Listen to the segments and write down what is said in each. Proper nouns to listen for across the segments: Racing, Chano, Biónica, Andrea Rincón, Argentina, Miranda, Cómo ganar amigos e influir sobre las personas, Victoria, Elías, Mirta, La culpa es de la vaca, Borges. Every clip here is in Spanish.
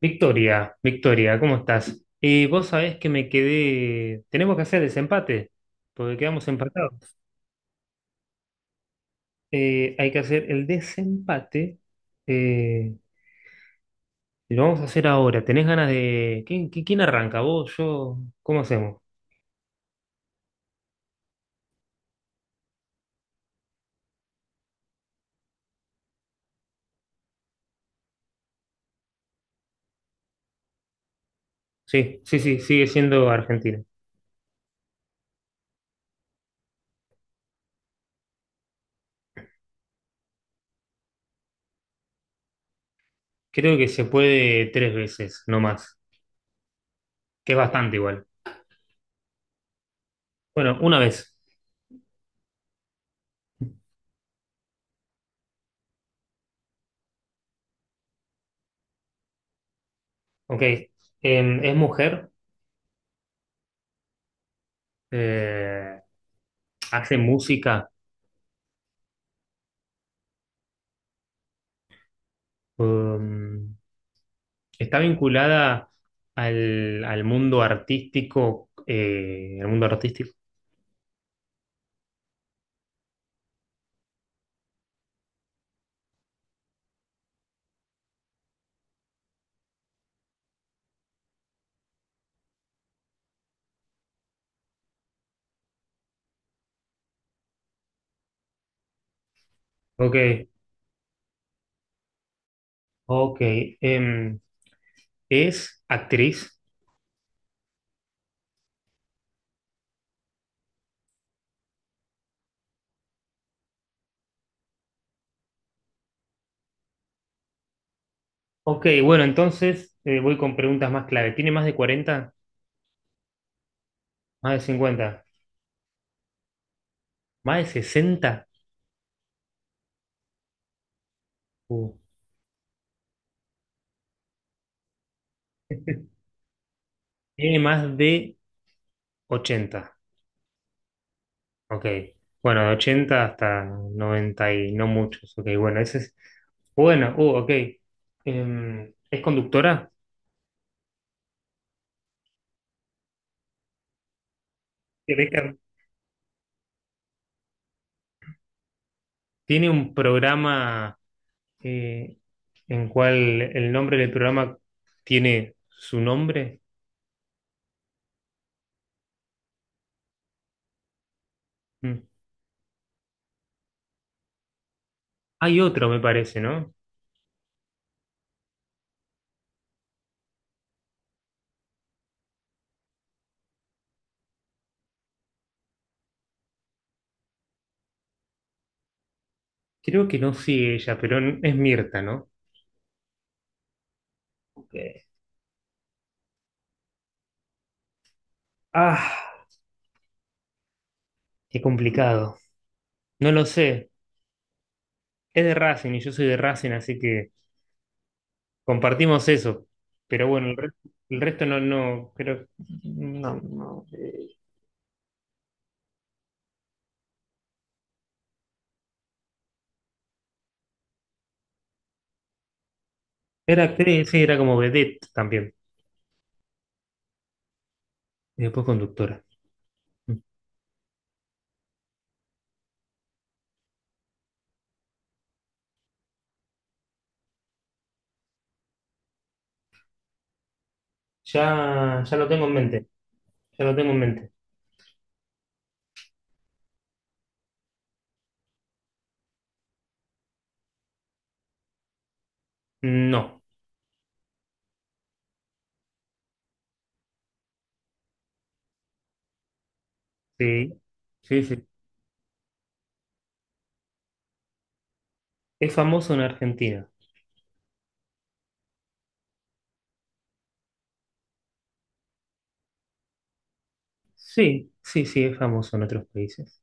Victoria, Victoria, ¿cómo estás? Vos sabés que me quedé. Tenemos que hacer desempate, porque quedamos empatados. Hay que hacer el desempate. eh, y lo vamos a hacer ahora. ¿Tenés ganas de. ¿Quién arranca? ¿Vos, yo? ¿Cómo hacemos? Sí, sí, sí, sigue siendo Argentina. Creo que se puede tres veces, no más. Que es bastante igual. Bueno, una vez. Ok. Es mujer. eh, Hace música. Um, Está vinculada al mundo artístico, al mundo artístico. Ok, ok. em, ¿Es actriz? Ok, bueno, entonces voy con preguntas más clave. ¿Tiene más de 40? ¿Más de 50? ¿Más de 60? Uh, Tiene más de 80. Ok. Bueno, de 80 hasta 90 y no muchos. Ok, bueno, ese es... Bueno, ok. ¿Es conductora? ¿Tiene tiene un programa... eh, en cual el nombre del programa tiene su nombre. Mm. Hay otro, me parece, ¿no? Creo que no sigue ella, pero es Mirta, ¿no? Ok. Ah, qué complicado. No lo sé. Es de Racing y yo soy de Racing, así que compartimos eso. Pero bueno, el resto no, no, creo. No, no. Era actriz, sí, era como vedette también. Y después conductora. Mm. Ya, ya lo tengo en mente. Ya lo tengo en mente. No. Sí, sí, sí. ¿Es famoso en Argentina? Sí, sí, sí, es famoso en otros países.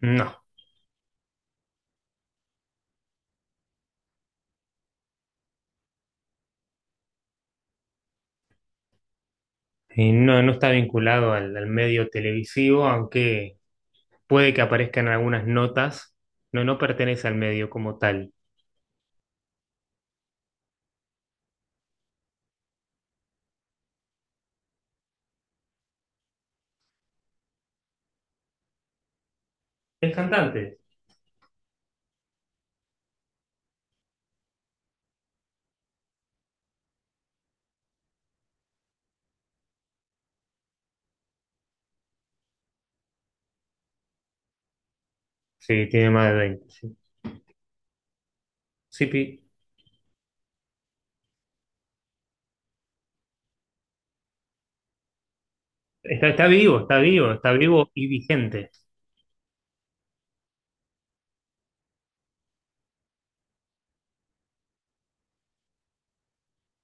No, no, no está vinculado al medio televisivo, aunque puede que aparezcan algunas notas. No, no pertenece al medio como tal. ¿Es cantante? Sí, tiene más de 20. Sí. Sí, está vivo, está vivo, está vivo y vigente.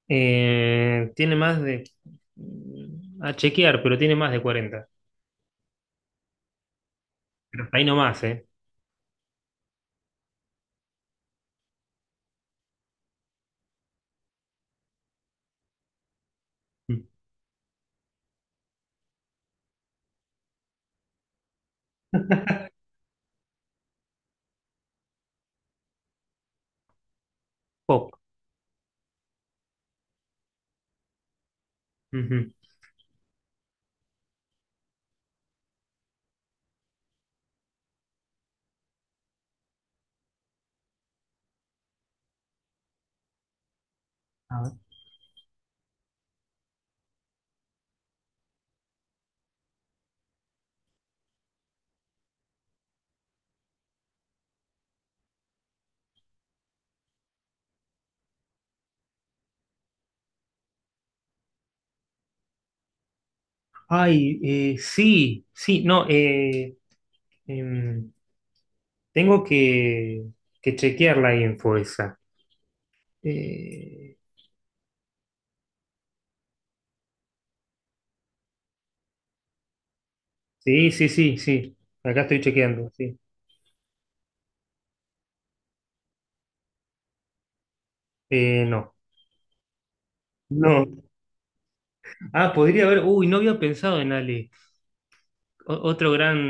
Tiene más de... A chequear, pero tiene más de 40. Pero hasta ahí nomás, ¿eh? Pop. Ujú. Ay, sí, sí, no, em, tengo que chequear la info esa. Eh, sí, sí, sí, sí, acá estoy chequeando, sí. No, no. Ah, podría haber, uy, no había pensado en Ale. Otro gran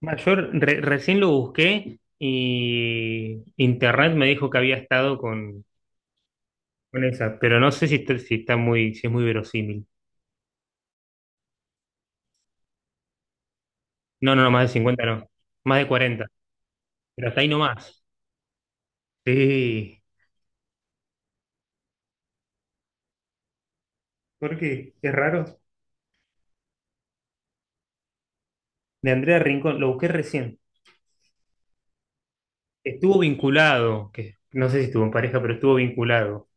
mayor, recién lo busqué y internet me dijo que había estado con esa, pero no sé si está, muy, si es muy verosímil. No, no, no, más de 50, no, más de 40, pero hasta ahí nomás. Sí, porque es raro. De Andrea Rincón, lo busqué recién. Estuvo vinculado, que no sé si estuvo en pareja, pero estuvo vinculado.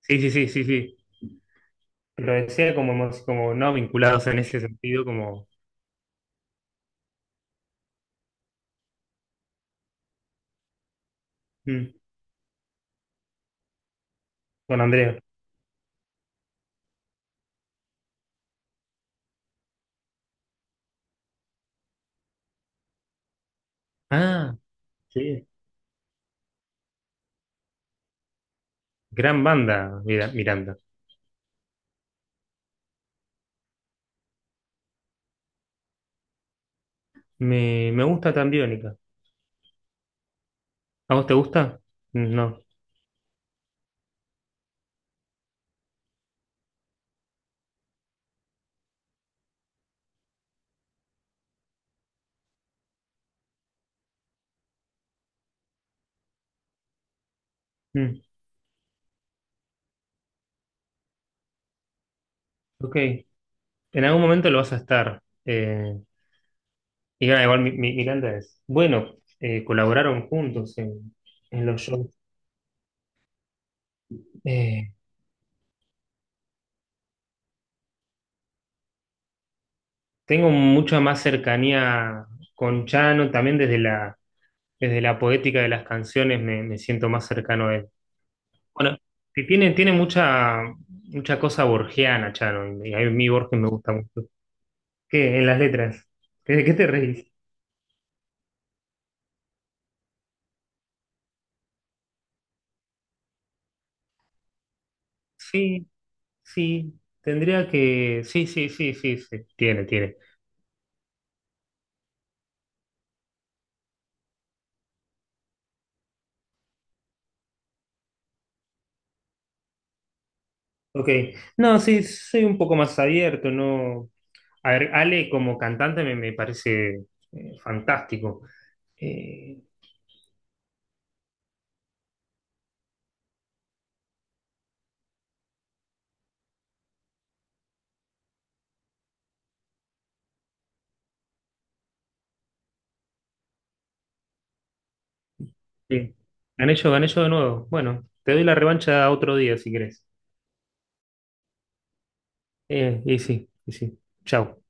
Sí, sí, sí, sí, sí. Lo decía como no vinculados en ese sentido, como mm, con Andrea. Ah, sí. Gran banda, Miranda. Me gusta tan Biónica. ¿A vos te gusta? Mm, no. Mm, ok. En algún momento lo vas a estar. Y igual Miranda es. Bueno, colaboraron juntos en los shows. Eh, Tengo mucha más cercanía con Chano, también desde la poética de las canciones me siento más cercano a él. Bueno, que tiene mucha, mucha cosa borgiana, Chano, y a mí Borges me gusta mucho. ¿Qué? En las letras. ¿De qué te reís? Sí, sí, tendría que... Sí, sí, sí, sí, sí, tiene. Ok, no, sí, soy un poco más abierto, no... A ver, Ale como cantante me parece fantástico. Eh, Sí. Gané yo de nuevo. Bueno, te doy la revancha otro día si querés. Y sí, y sí. Chau.